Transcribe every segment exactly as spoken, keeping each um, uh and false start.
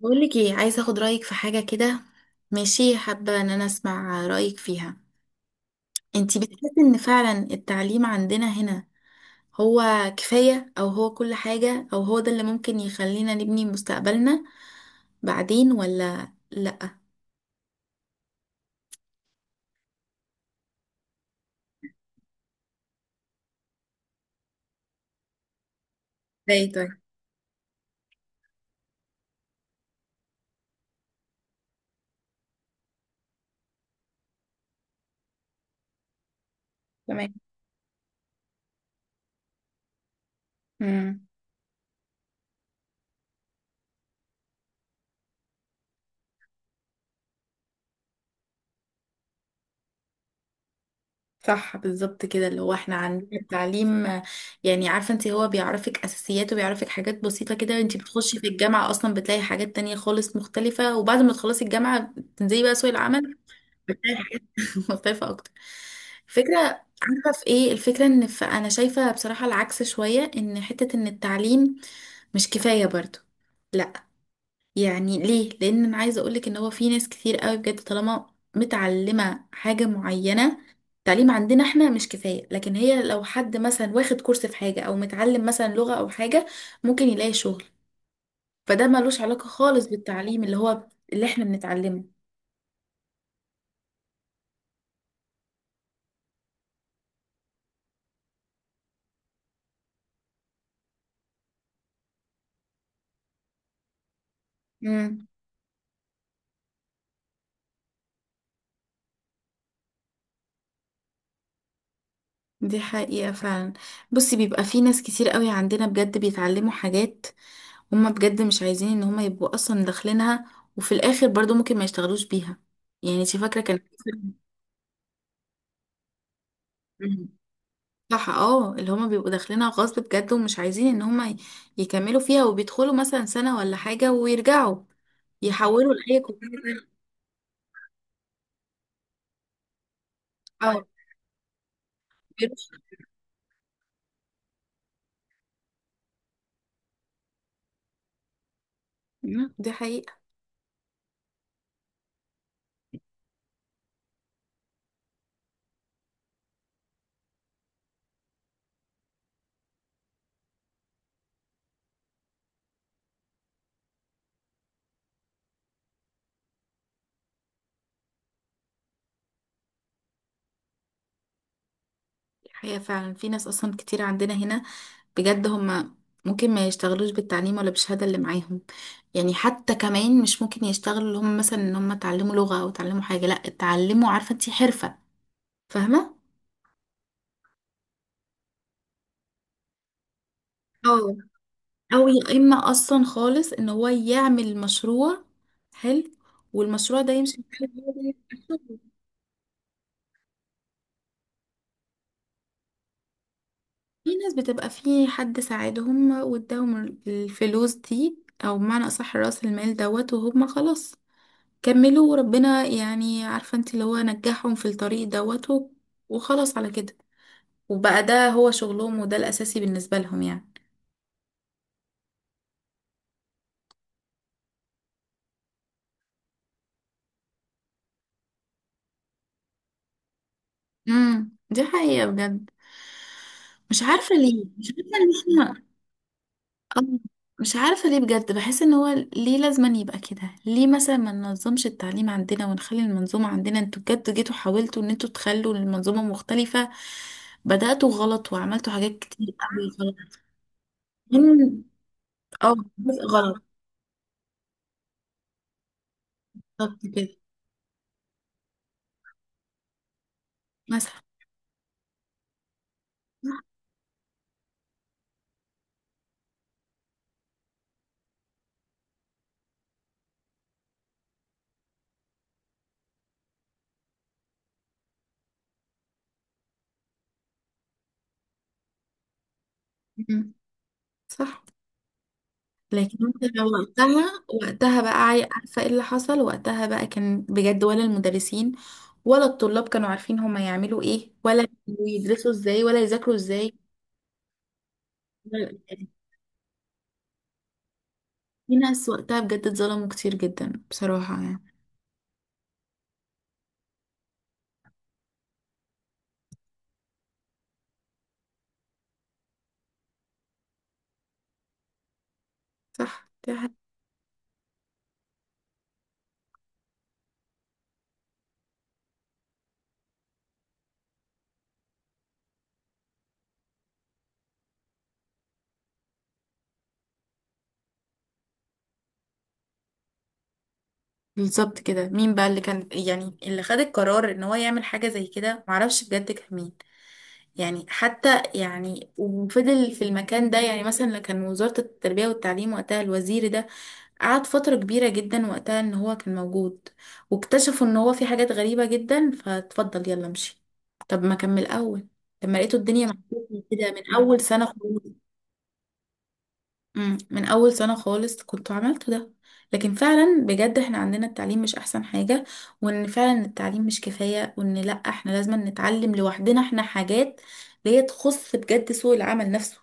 بقول لك ايه، عايزه اخد رايك في حاجه كده. ماشي، حابه ان انا اسمع رايك فيها. انتي بتحسي ان فعلا التعليم عندنا هنا هو كفايه، او هو كل حاجه، او هو ده اللي ممكن يخلينا نبني مستقبلنا بعدين ولا لا؟ ازاي طيب؟ تمام. امم صح، بالظبط كده اللي هو احنا عندنا التعليم، آه، يعني عارفه انت هو بيعرفك اساسيات وبيعرفك حاجات بسيطه كده. انت بتخشي في الجامعه اصلا بتلاقي حاجات تانية خالص مختلفه، وبعد ما تخلصي الجامعه تنزلي بقى سوق العمل. مرتاحة. مختلفة أكتر. فكرة. عارفة في إيه الفكرة، إن ف- أنا شايفة بصراحة العكس شوية، إن حتة إن التعليم مش كفاية برضو. لا، يعني ليه؟ لأن أنا عايزة أقولك إن هو في ناس كتير قوي بجد، طالما متعلمة حاجة معينة. التعليم عندنا احنا مش كفاية، لكن هي لو حد مثلا واخد كورس في حاجة، أو متعلم مثلا لغة أو حاجة، ممكن يلاقي شغل. فده ملوش علاقة خالص بالتعليم اللي هو اللي احنا بنتعلمه. دي حقيقة فعلا. بصي، بيبقى في ناس كتير قوي عندنا بجد بيتعلموا حاجات هما بجد مش عايزين ان هما يبقوا اصلا داخلينها، وفي الاخر برضو ممكن ما يشتغلوش بيها. يعني انت فاكرة كان. مم. صح اه، اللي هما بيبقوا داخلينها غصب بجد، ومش عايزين ان هما ي- يكملوا فيها، وبيدخلوا مثلا سنة ولا حاجة ويرجعوا يحولوا لأي كلية تانية. اه. بيروحوا. مم. دي حقيقة. دي حقيقة فعلا، في ناس اصلا كتير عندنا هنا بجد هما ممكن ما يشتغلوش بالتعليم ولا بالشهادة اللي معاهم. يعني حتى كمان مش ممكن يشتغلوا اللي هم مثلا ان هم اتعلموا لغة او اتعلموا حاجة، لا اتعلموا عارفة انتي حرفة. فاهمة. اه، او يا اما اصلا خالص ان هو يعمل مشروع حلو والمشروع ده يمشي في الشغل. في ناس بتبقى في حد ساعدهم واداهم الفلوس دي، او بمعنى اصح راس المال دوت، وهم خلاص كملوا، وربنا يعني عارفة انت اللي هو نجحهم في الطريق دوت و- وخلاص على كده، وبقى ده هو شغلهم، وده الأساسي بالنسبة لهم يعني. امم دي حقيقة بجد. مش عارفة ليه، مش عارفة ان احنا، آه، مش عارفة ليه بجد، بحس ان هو ليه لازم يبقى كده؟ ليه مثلا ما ننظمش التعليم عندنا ونخلي المنظومة عندنا؟ انتوا بجد جيتوا حاولتوا ان انتوا تخلوا المنظومة مختلفة، بدأتوا غلط وعملتوا حاجات كتير قوي غلط. من- اه، جزء غلط. بالظبط كده. مثلا. مم. صح. لكن انت لو وقتها وقتها بقى عاي- عارفة ايه اللي حصل وقتها بقى؟ كان بجد ولا المدرسين ولا الطلاب كانوا عارفين هما يعملوا ايه؟ ولا يدرسوا ازاي ولا يذاكروا ازاي؟ ولا- يعني في ناس وقتها بجد اتظلموا كتير جدا، بصراحة يعني. صح، دي حاجة. بالظبط كده. مين بقى اللي كان يعني اللي خد القرار ان هو يعمل حاجة زي كده؟ معرفش بجد كان مين. يعني حتى يعني وفضل في المكان ده، يعني مثلا كان وزارة التربية والتعليم وقتها، الوزير ده قعد فترة كبيرة جدا وقتها ان هو كان موجود، واكتشفوا ان هو في حاجات غريبة جدا، فاتفضل يلا امشي. طب ما كمل الاول، لما لقيته الدنيا محبوبة كده من اول سنة خالص؟ أمم، من اول سنة خالص كنت عملت ده. لكن فعلا بجد احنا عندنا التعليم مش احسن حاجة، وان فعلا التعليم مش كفاية، وان لا احنا لازم نتعلم لوحدنا احنا حاجات اللي هي تخص بجد سوق العمل نفسه.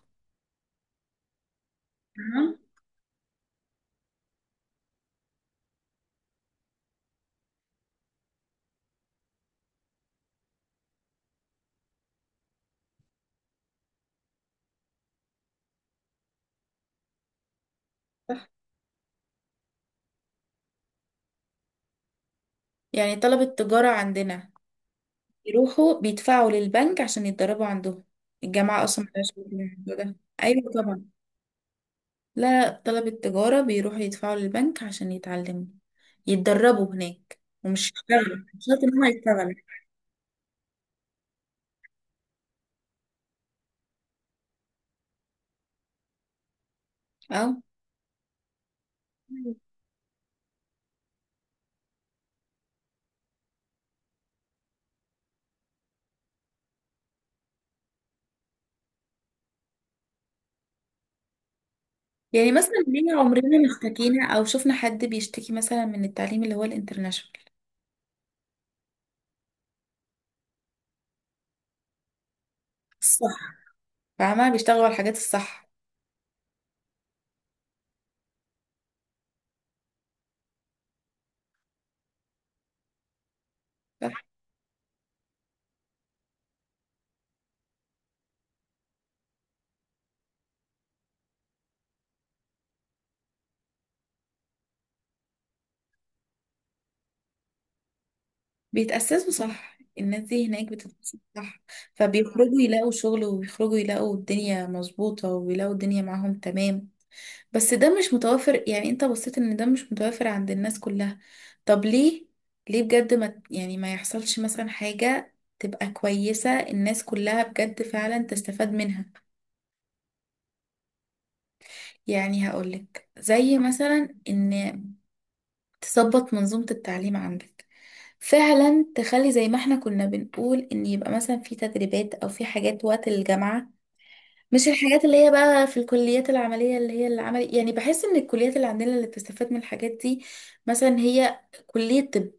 تمام؟ يعني طلبة تجارة عندنا يروحوا بيدفعوا للبنك عشان يتدربوا عندهم. الجامعة أصلا ملهاش دعوة بالموضوع ده. أيوة طبعا. لا لا، طلبة تجارة بيروحوا يدفعوا للبنك عشان يتعلموا يتدربوا هناك ومش يشتغلوا، مش شرط إن هما يشتغلوا. أه. يعني مثلا ليه عمرنا ما اشتكينا أو شفنا حد بيشتكي مثلا من التعليم اللي هو الانترناشونال؟ الصح. فاهمة، بيشتغلوا على الحاجات الصح. بيتأسسوا صح، الناس دي هناك بتتأسس صح. فبيخرجوا يلاقوا شغل، وبيخرجوا يلاقوا الدنيا مظبوطة، ويلاقوا الدنيا معاهم تمام. بس ده مش متوافر. يعني انت بصيت ان ده مش متوافر عند الناس كلها. طب ليه؟ ليه بجد ما يعني ما يحصلش مثلا حاجة تبقى كويسة الناس كلها بجد فعلا تستفاد منها؟ يعني هقولك زي مثلا ان تظبط منظومة التعليم عندك، فعلا تخلي زي ما احنا كنا بنقول ان يبقى مثلا في تدريبات او في حاجات وقت الجامعة. مش الحاجات اللي هي بقى في الكليات العملية اللي هي العمل، يعني بحس ان الكليات اللي عندنا اللي بتستفاد من الحاجات دي، مثلا هي كلية طب،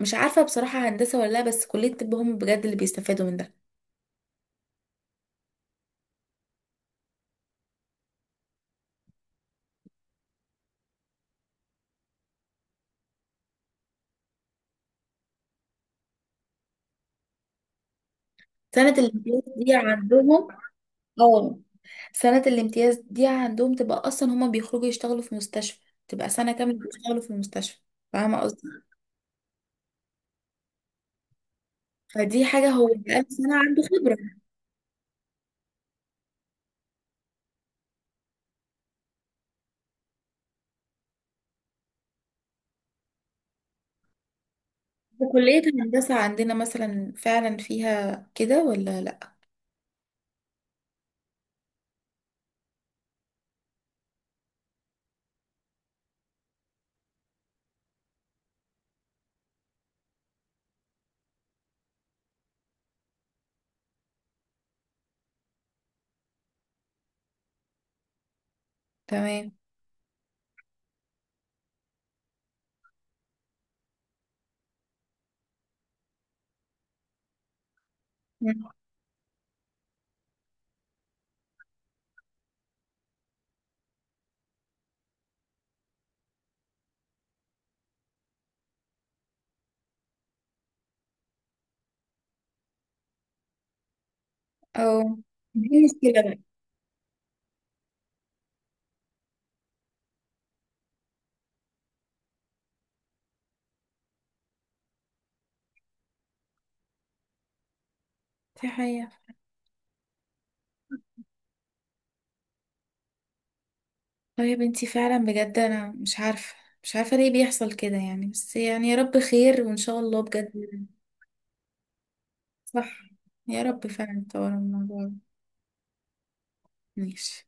مش عارفة بصراحة هندسة ولا لا، بس كلية طب هم بجد اللي بيستفادوا من ده. سنة الامتياز دي عندهم. اه، سنة الامتياز دي عندهم تبقى اصلا هما بيخرجوا يشتغلوا في مستشفى، تبقى سنة كاملة بيشتغلوا في المستشفى. فاهمة قصدي؟ فدي حاجة، هو بقاله سنة عنده خبرة. وكلية الهندسة عندنا مثلا فعلا فيها كده ولا لأ؟ تمام. مم. أو. دي مشكلة بقى. دي حقيقة. طيب، انتي فعلا بجد أنا مش عارفة، مش عارفة ليه بيحصل كده يعني، بس يعني يا رب خير، وإن شاء الله بجد. صح. يا رب فعلا تطور الموضوع ده. ماشي.